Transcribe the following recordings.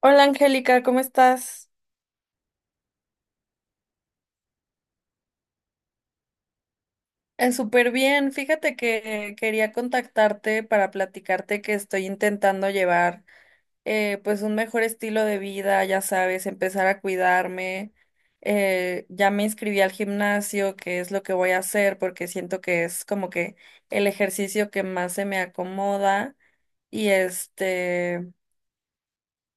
Hola Angélica, ¿cómo estás? Súper bien. Fíjate que quería contactarte para platicarte que estoy intentando llevar pues un mejor estilo de vida, ya sabes, empezar a cuidarme. Ya me inscribí al gimnasio, que es lo que voy a hacer porque siento que es como que el ejercicio que más se me acomoda y este.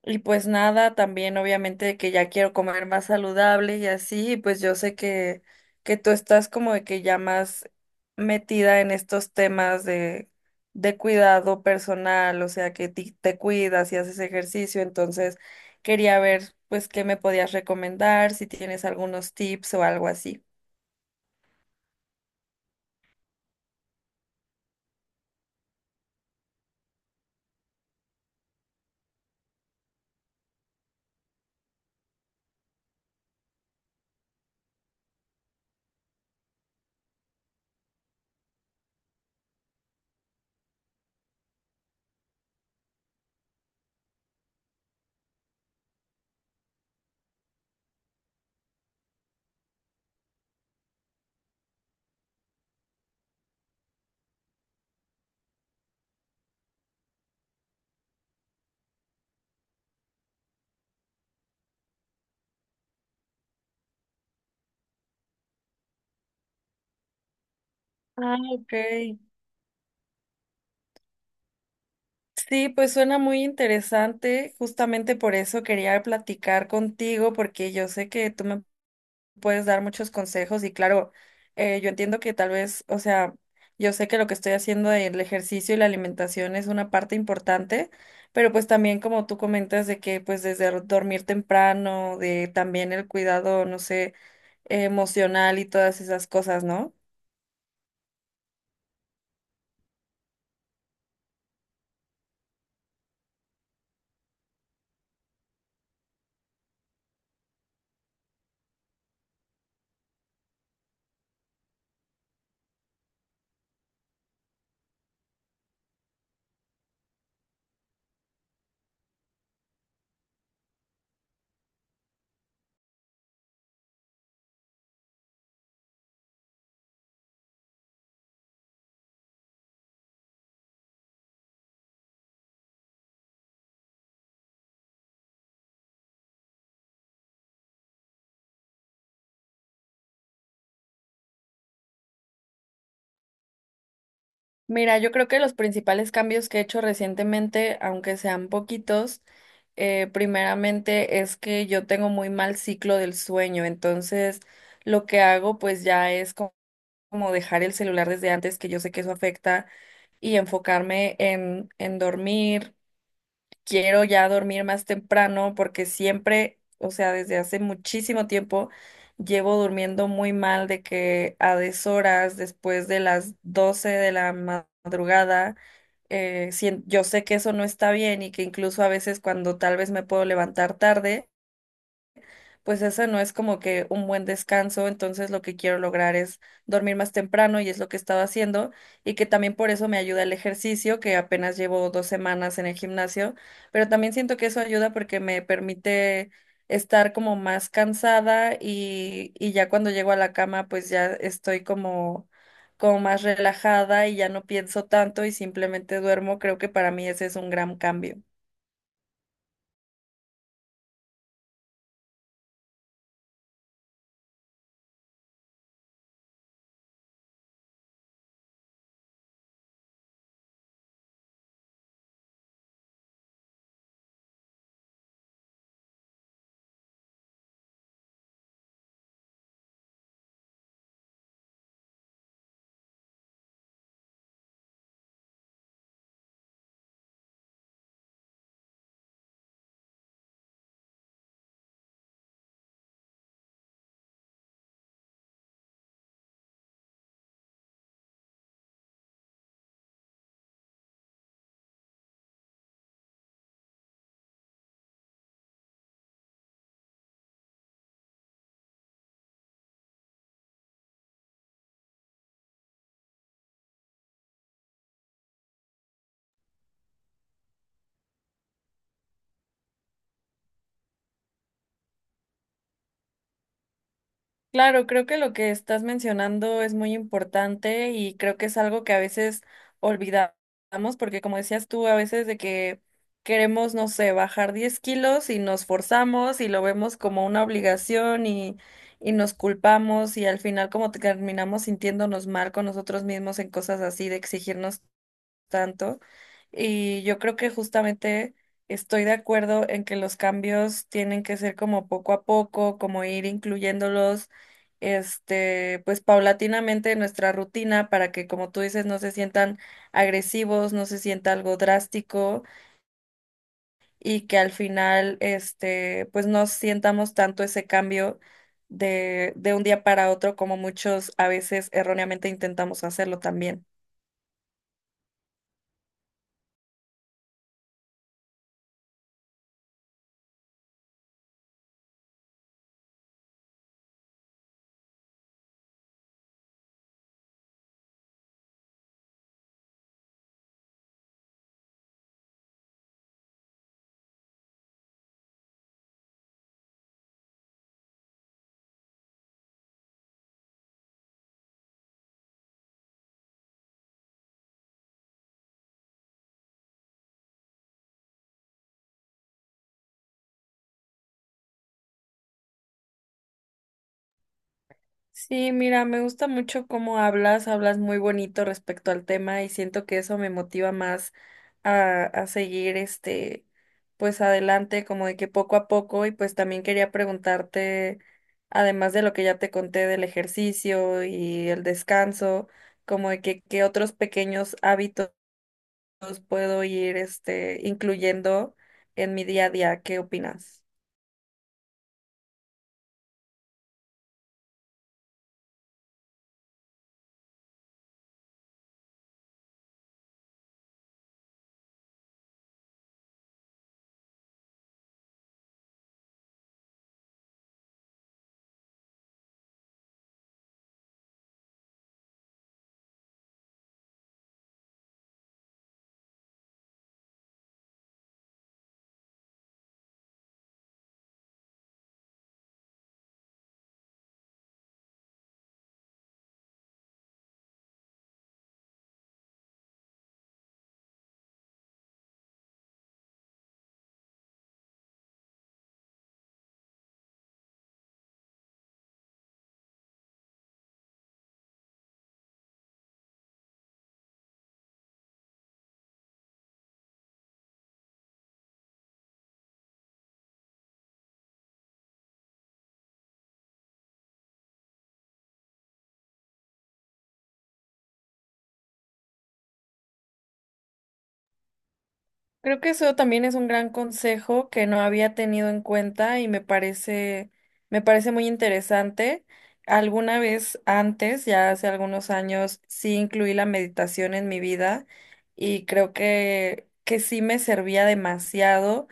Y pues nada, también obviamente que ya quiero comer más saludable y así, y pues yo sé que tú estás como de que ya más metida en estos temas de cuidado personal, o sea que te cuidas y haces ejercicio, entonces quería ver pues qué me podías recomendar, si tienes algunos tips o algo así. Ah, ok. Sí, pues suena muy interesante. Justamente por eso quería platicar contigo, porque yo sé que tú me puedes dar muchos consejos y claro, yo entiendo que tal vez, o sea, yo sé que lo que estoy haciendo del ejercicio y la alimentación es una parte importante, pero pues también como tú comentas de que pues desde dormir temprano, de también el cuidado, no sé, emocional y todas esas cosas, ¿no? Mira, yo creo que los principales cambios que he hecho recientemente, aunque sean poquitos, primeramente es que yo tengo muy mal ciclo del sueño, entonces lo que hago pues ya es como como dejar el celular desde antes, que yo sé que eso afecta, y enfocarme en dormir. Quiero ya dormir más temprano porque siempre, o sea, desde hace muchísimo tiempo llevo durmiendo muy mal de que a deshoras, después de las 12 de la madrugada, yo sé que eso no está bien y que incluso a veces cuando tal vez me puedo levantar tarde, pues esa no es como que un buen descanso, entonces lo que quiero lograr es dormir más temprano y es lo que he estado haciendo y que también por eso me ayuda el ejercicio, que apenas llevo 2 semanas en el gimnasio, pero también siento que eso ayuda porque me permite estar como más cansada y ya cuando llego a la cama pues ya estoy como, como más relajada y ya no pienso tanto y simplemente duermo, creo que para mí ese es un gran cambio. Claro, creo que lo que estás mencionando es muy importante y creo que es algo que a veces olvidamos, porque como decías tú, a veces de que queremos, no sé, bajar 10 kilos y nos forzamos y lo vemos como una obligación y nos culpamos y al final como terminamos sintiéndonos mal con nosotros mismos en cosas así de exigirnos tanto. Y yo creo que justamente estoy de acuerdo en que los cambios tienen que ser como poco a poco, como ir incluyéndolos, este, pues paulatinamente en nuestra rutina para que, como tú dices, no se sientan agresivos, no se sienta algo drástico y que al final, este, pues no sientamos tanto ese cambio de un día para otro como muchos a veces erróneamente intentamos hacerlo también. Sí, mira, me gusta mucho cómo hablas, hablas muy bonito respecto al tema y siento que eso me motiva más a seguir este, pues adelante, como de que poco a poco y pues también quería preguntarte, además de lo que ya te conté del ejercicio y el descanso, como de que qué otros pequeños hábitos puedo ir este, incluyendo en mi día a día, ¿qué opinas? Creo que eso también es un gran consejo que no había tenido en cuenta y me parece muy interesante. Alguna vez antes, ya hace algunos años, sí incluí la meditación en mi vida y creo que sí me servía demasiado.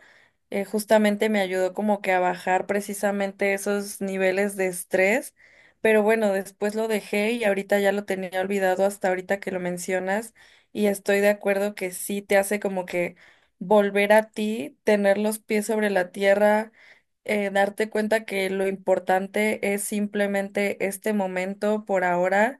Justamente me ayudó como que a bajar precisamente esos niveles de estrés, pero bueno, después lo dejé y ahorita ya lo tenía olvidado hasta ahorita que lo mencionas y estoy de acuerdo que sí te hace como que volver a ti, tener los pies sobre la tierra, darte cuenta que lo importante es simplemente este momento por ahora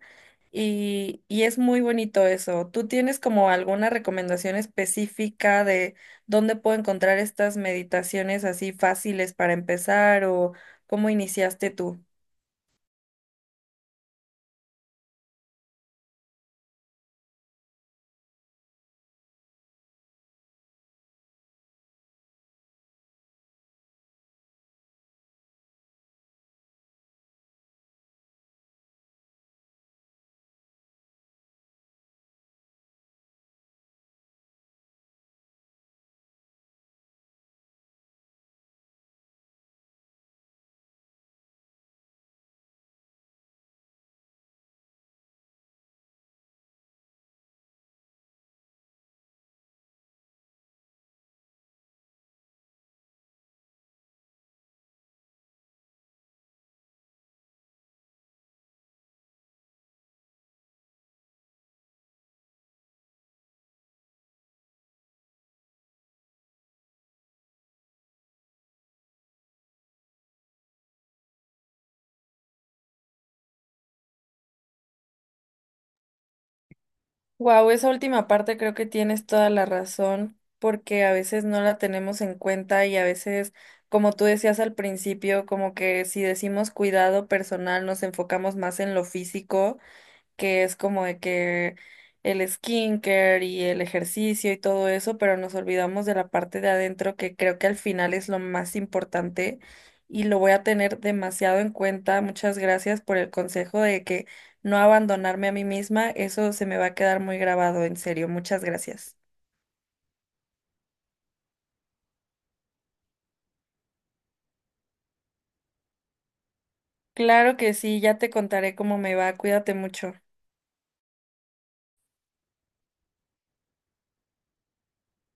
y es muy bonito eso. ¿Tú tienes como alguna recomendación específica de dónde puedo encontrar estas meditaciones así fáciles para empezar o cómo iniciaste tú? Wow, esa última parte creo que tienes toda la razón, porque a veces no la tenemos en cuenta y a veces, como tú decías al principio, como que si decimos cuidado personal, nos enfocamos más en lo físico que es como de que el skincare y el ejercicio y todo eso, pero nos olvidamos de la parte de adentro que creo que al final es lo más importante y lo voy a tener demasiado en cuenta. Muchas gracias por el consejo de que no abandonarme a mí misma, eso se me va a quedar muy grabado, en serio. Muchas gracias. Claro que sí, ya te contaré cómo me va. Cuídate mucho.